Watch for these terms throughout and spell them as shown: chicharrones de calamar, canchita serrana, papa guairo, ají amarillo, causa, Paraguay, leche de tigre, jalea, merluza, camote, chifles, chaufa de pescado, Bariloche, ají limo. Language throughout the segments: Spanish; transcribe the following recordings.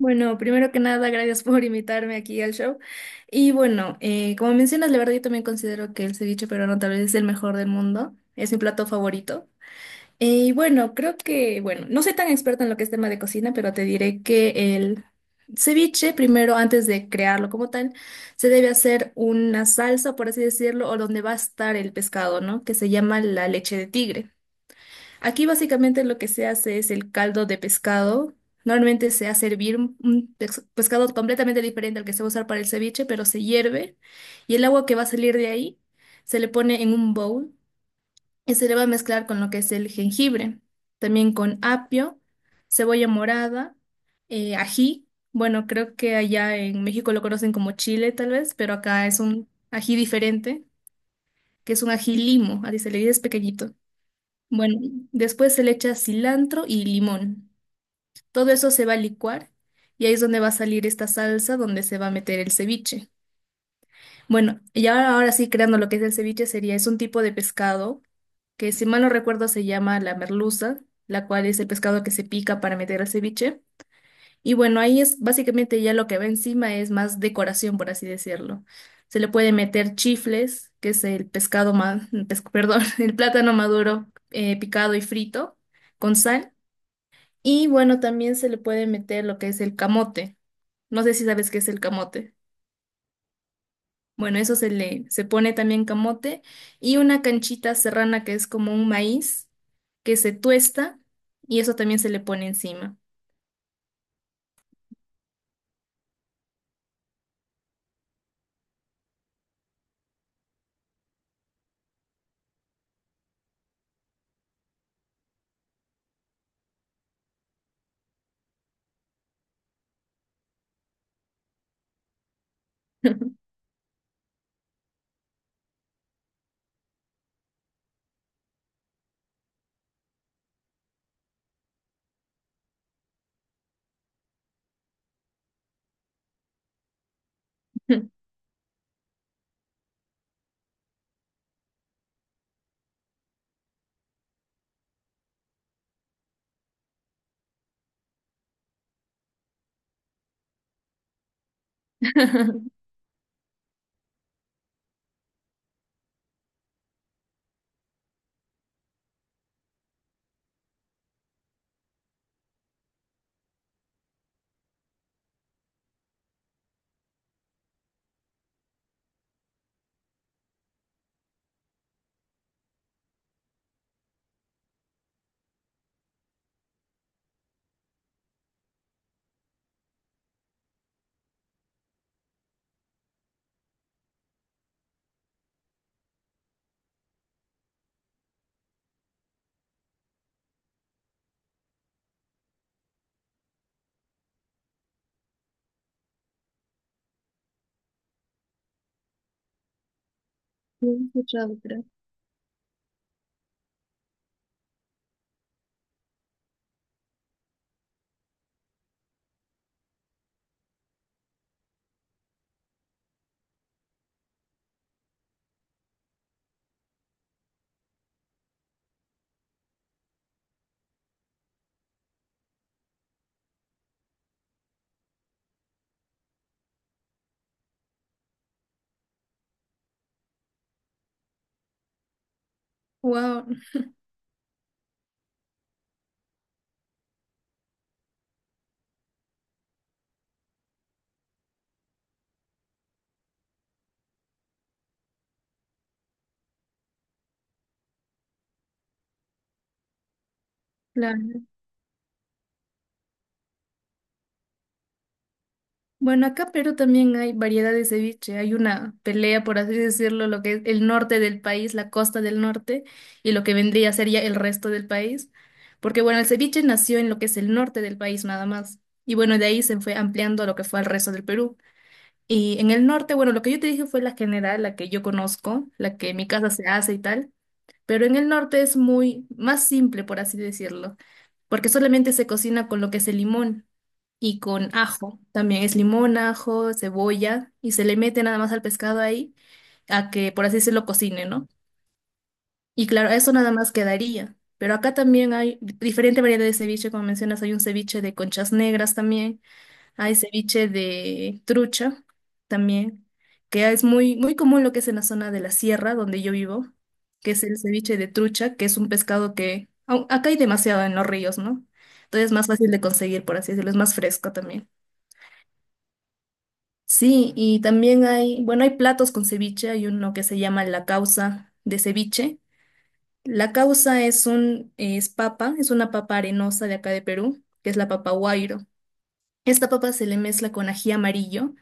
Bueno, primero que nada, gracias por invitarme aquí al show. Y bueno, como mencionas, la verdad yo también considero que el ceviche peruano tal vez es el mejor del mundo, es mi plato favorito. Y bueno, creo que, bueno, no soy tan experta en lo que es tema de cocina, pero te diré que el ceviche, primero, antes de crearlo como tal, se debe hacer una salsa, por así decirlo, o donde va a estar el pescado, ¿no? Que se llama la leche de tigre. Aquí básicamente lo que se hace es el caldo de pescado. Normalmente se hace hervir un pescado completamente diferente al que se va a usar para el ceviche, pero se hierve y el agua que va a salir de ahí se le pone en un bowl y se le va a mezclar con lo que es el jengibre, también con apio, cebolla morada, ají. Bueno, creo que allá en México lo conocen como chile tal vez, pero acá es un ají diferente, que es un ají limo, así se le dice, es pequeñito. Bueno, después se le echa cilantro y limón. Todo eso se va a licuar y ahí es donde va a salir esta salsa donde se va a meter el ceviche. Bueno, y ahora sí, creando lo que es el ceviche, sería, es un tipo de pescado que, si mal no recuerdo, se llama la merluza, la cual es el pescado que se pica para meter al ceviche. Y bueno, ahí es básicamente ya lo que va encima es más decoración, por así decirlo. Se le puede meter chifles, que es el pescado, perdón, el plátano maduro picado y frito con sal. Y bueno, también se le puede meter lo que es el camote. No sé si sabes qué es el camote. Bueno, eso se le, se pone también camote y una canchita serrana que es como un maíz que se tuesta y eso también se le pone encima. Wow, claro. Bueno, acá pero también hay variedad de ceviche. Hay una pelea, por así decirlo, lo que es el norte del país, la costa del norte, y lo que vendría a ser ya el resto del país. Porque bueno, el ceviche nació en lo que es el norte del país nada más. Y bueno, de ahí se fue ampliando a lo que fue al resto del Perú. Y en el norte, bueno, lo que yo te dije fue la general, la que yo conozco, la que en mi casa se hace y tal. Pero en el norte es muy más simple, por así decirlo, porque solamente se cocina con lo que es el limón y con ajo. También es limón, ajo, cebolla y se le mete nada más al pescado ahí a que por así se lo cocine, ¿no? Y claro, eso nada más quedaría. Pero acá también hay diferente variedad de ceviche, como mencionas, hay un ceviche de conchas negras también, hay ceviche de trucha también, que es muy, muy común lo que es en la zona de la sierra donde yo vivo, que es el ceviche de trucha, que es un pescado que acá hay demasiado en los ríos, ¿no? Entonces es más fácil de conseguir, por así decirlo, es más fresco también. Sí, y también hay, bueno, hay platos con ceviche, hay uno que se llama la causa de ceviche. La causa es un, es papa, es una papa arenosa de acá de Perú, que es la papa guairo. Esta papa se le mezcla con ají amarillo,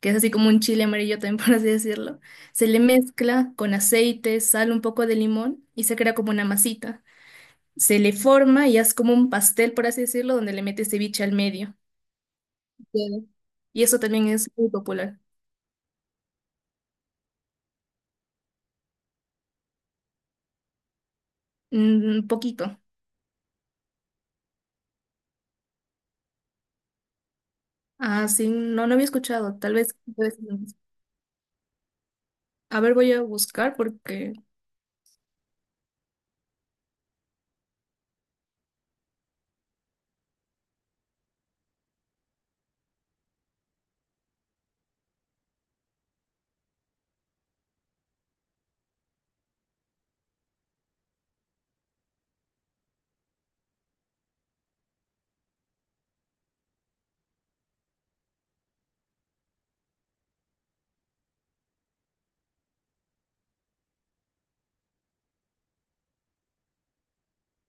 que es así como un chile amarillo también, por así decirlo. Se le mezcla con aceite, sal, un poco de limón y se crea como una masita. Se le forma y es como un pastel, por así decirlo, donde le metes ceviche al medio. Queda. Y eso también es muy popular. Un poquito. Ah, sí, no, no había escuchado. Tal vez no. A ver, voy a buscar porque.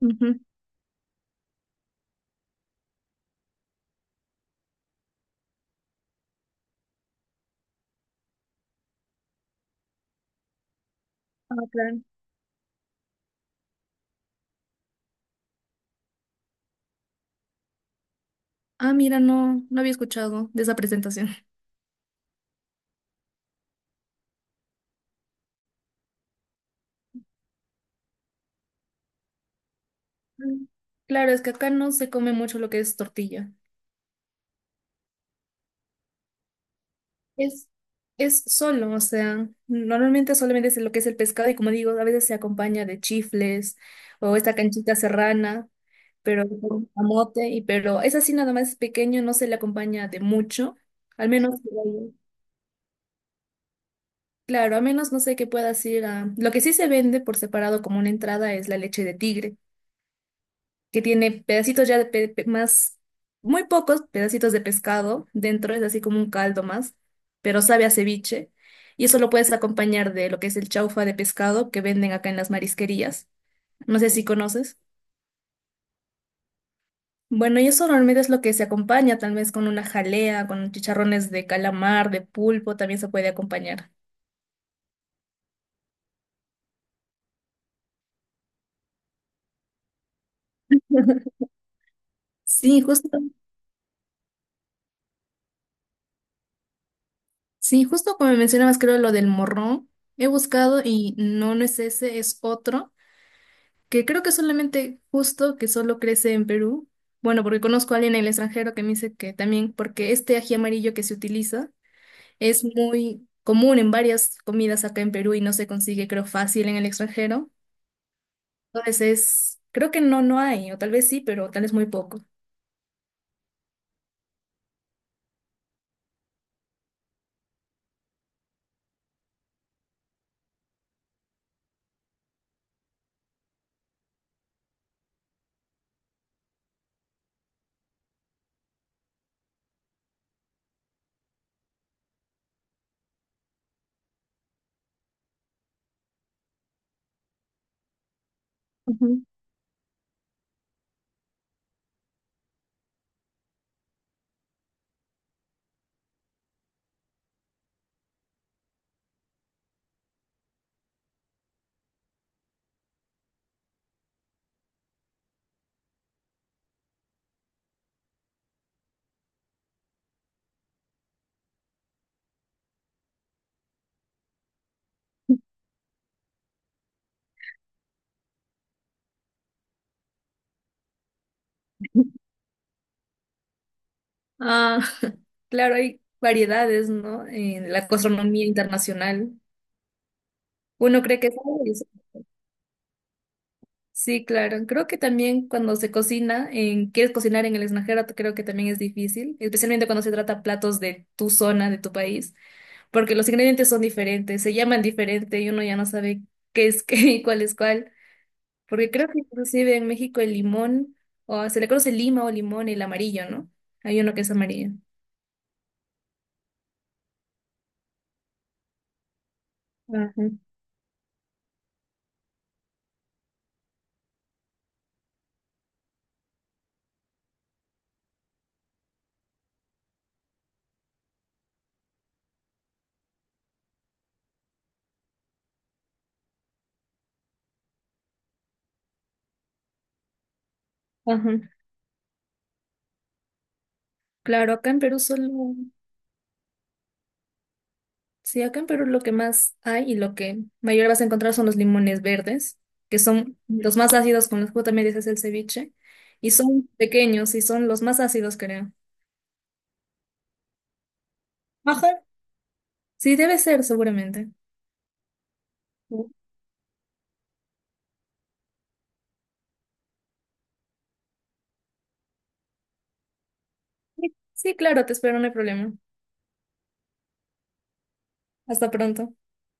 Ujú. Ah, claro. Ah, mira, no, no había escuchado de esa presentación. Mm. Claro, es que acá no se come mucho lo que es tortilla. Es, es solo, o sea, normalmente solamente es lo que es el pescado y como digo, a veces se acompaña de chifles o esta canchita serrana, pero con camote, y pero es así nada más pequeño, no se le acompaña de mucho, al menos. Claro, a menos no sé qué puedas ir a... Lo que sí se vende por separado como una entrada es la leche de tigre, que tiene pedacitos ya más, muy pocos pedacitos de pescado dentro, es así como un caldo más, pero sabe a ceviche. Y eso lo puedes acompañar de lo que es el chaufa de pescado que venden acá en las marisquerías. No sé si conoces. Bueno, y eso normalmente es lo que se acompaña, tal vez con una jalea, con chicharrones de calamar, de pulpo, también se puede acompañar. Sí, justo. Sí, justo como mencionabas, creo lo del morrón, he buscado y no, no es ese, es otro, que creo que solamente justo que solo crece en Perú. Bueno, porque conozco a alguien en el extranjero que me dice que también, porque este ají amarillo que se utiliza es muy común en varias comidas acá en Perú y no se consigue, creo, fácil en el extranjero. Entonces es, creo que no, no hay, o tal vez sí, pero tal vez muy poco. Ujú. Ah, claro, hay variedades, ¿no? En la gastronomía internacional. Uno cree que sabe eso. Sí, claro. Creo que también cuando se cocina, en, quieres cocinar en el extranjero, creo que también es difícil, especialmente cuando se trata platos de tu zona, de tu país, porque los ingredientes son diferentes, se llaman diferente y uno ya no sabe qué es qué y cuál es cuál, porque creo que inclusive en México el limón, o se le conoce lima o limón, el amarillo, ¿no? Hay uno que es amarillo. Ajá, ajá. Claro, acá en Perú solo sí, acá en Perú lo que más hay y lo que mayor vas a encontrar son los limones verdes, que son los más ácidos con los que también dices el ceviche, y son pequeños y son los más ácidos, creo. Ajá. Sí, debe ser, seguramente. Sí, sí, claro, te espero, no hay problema. Hasta pronto.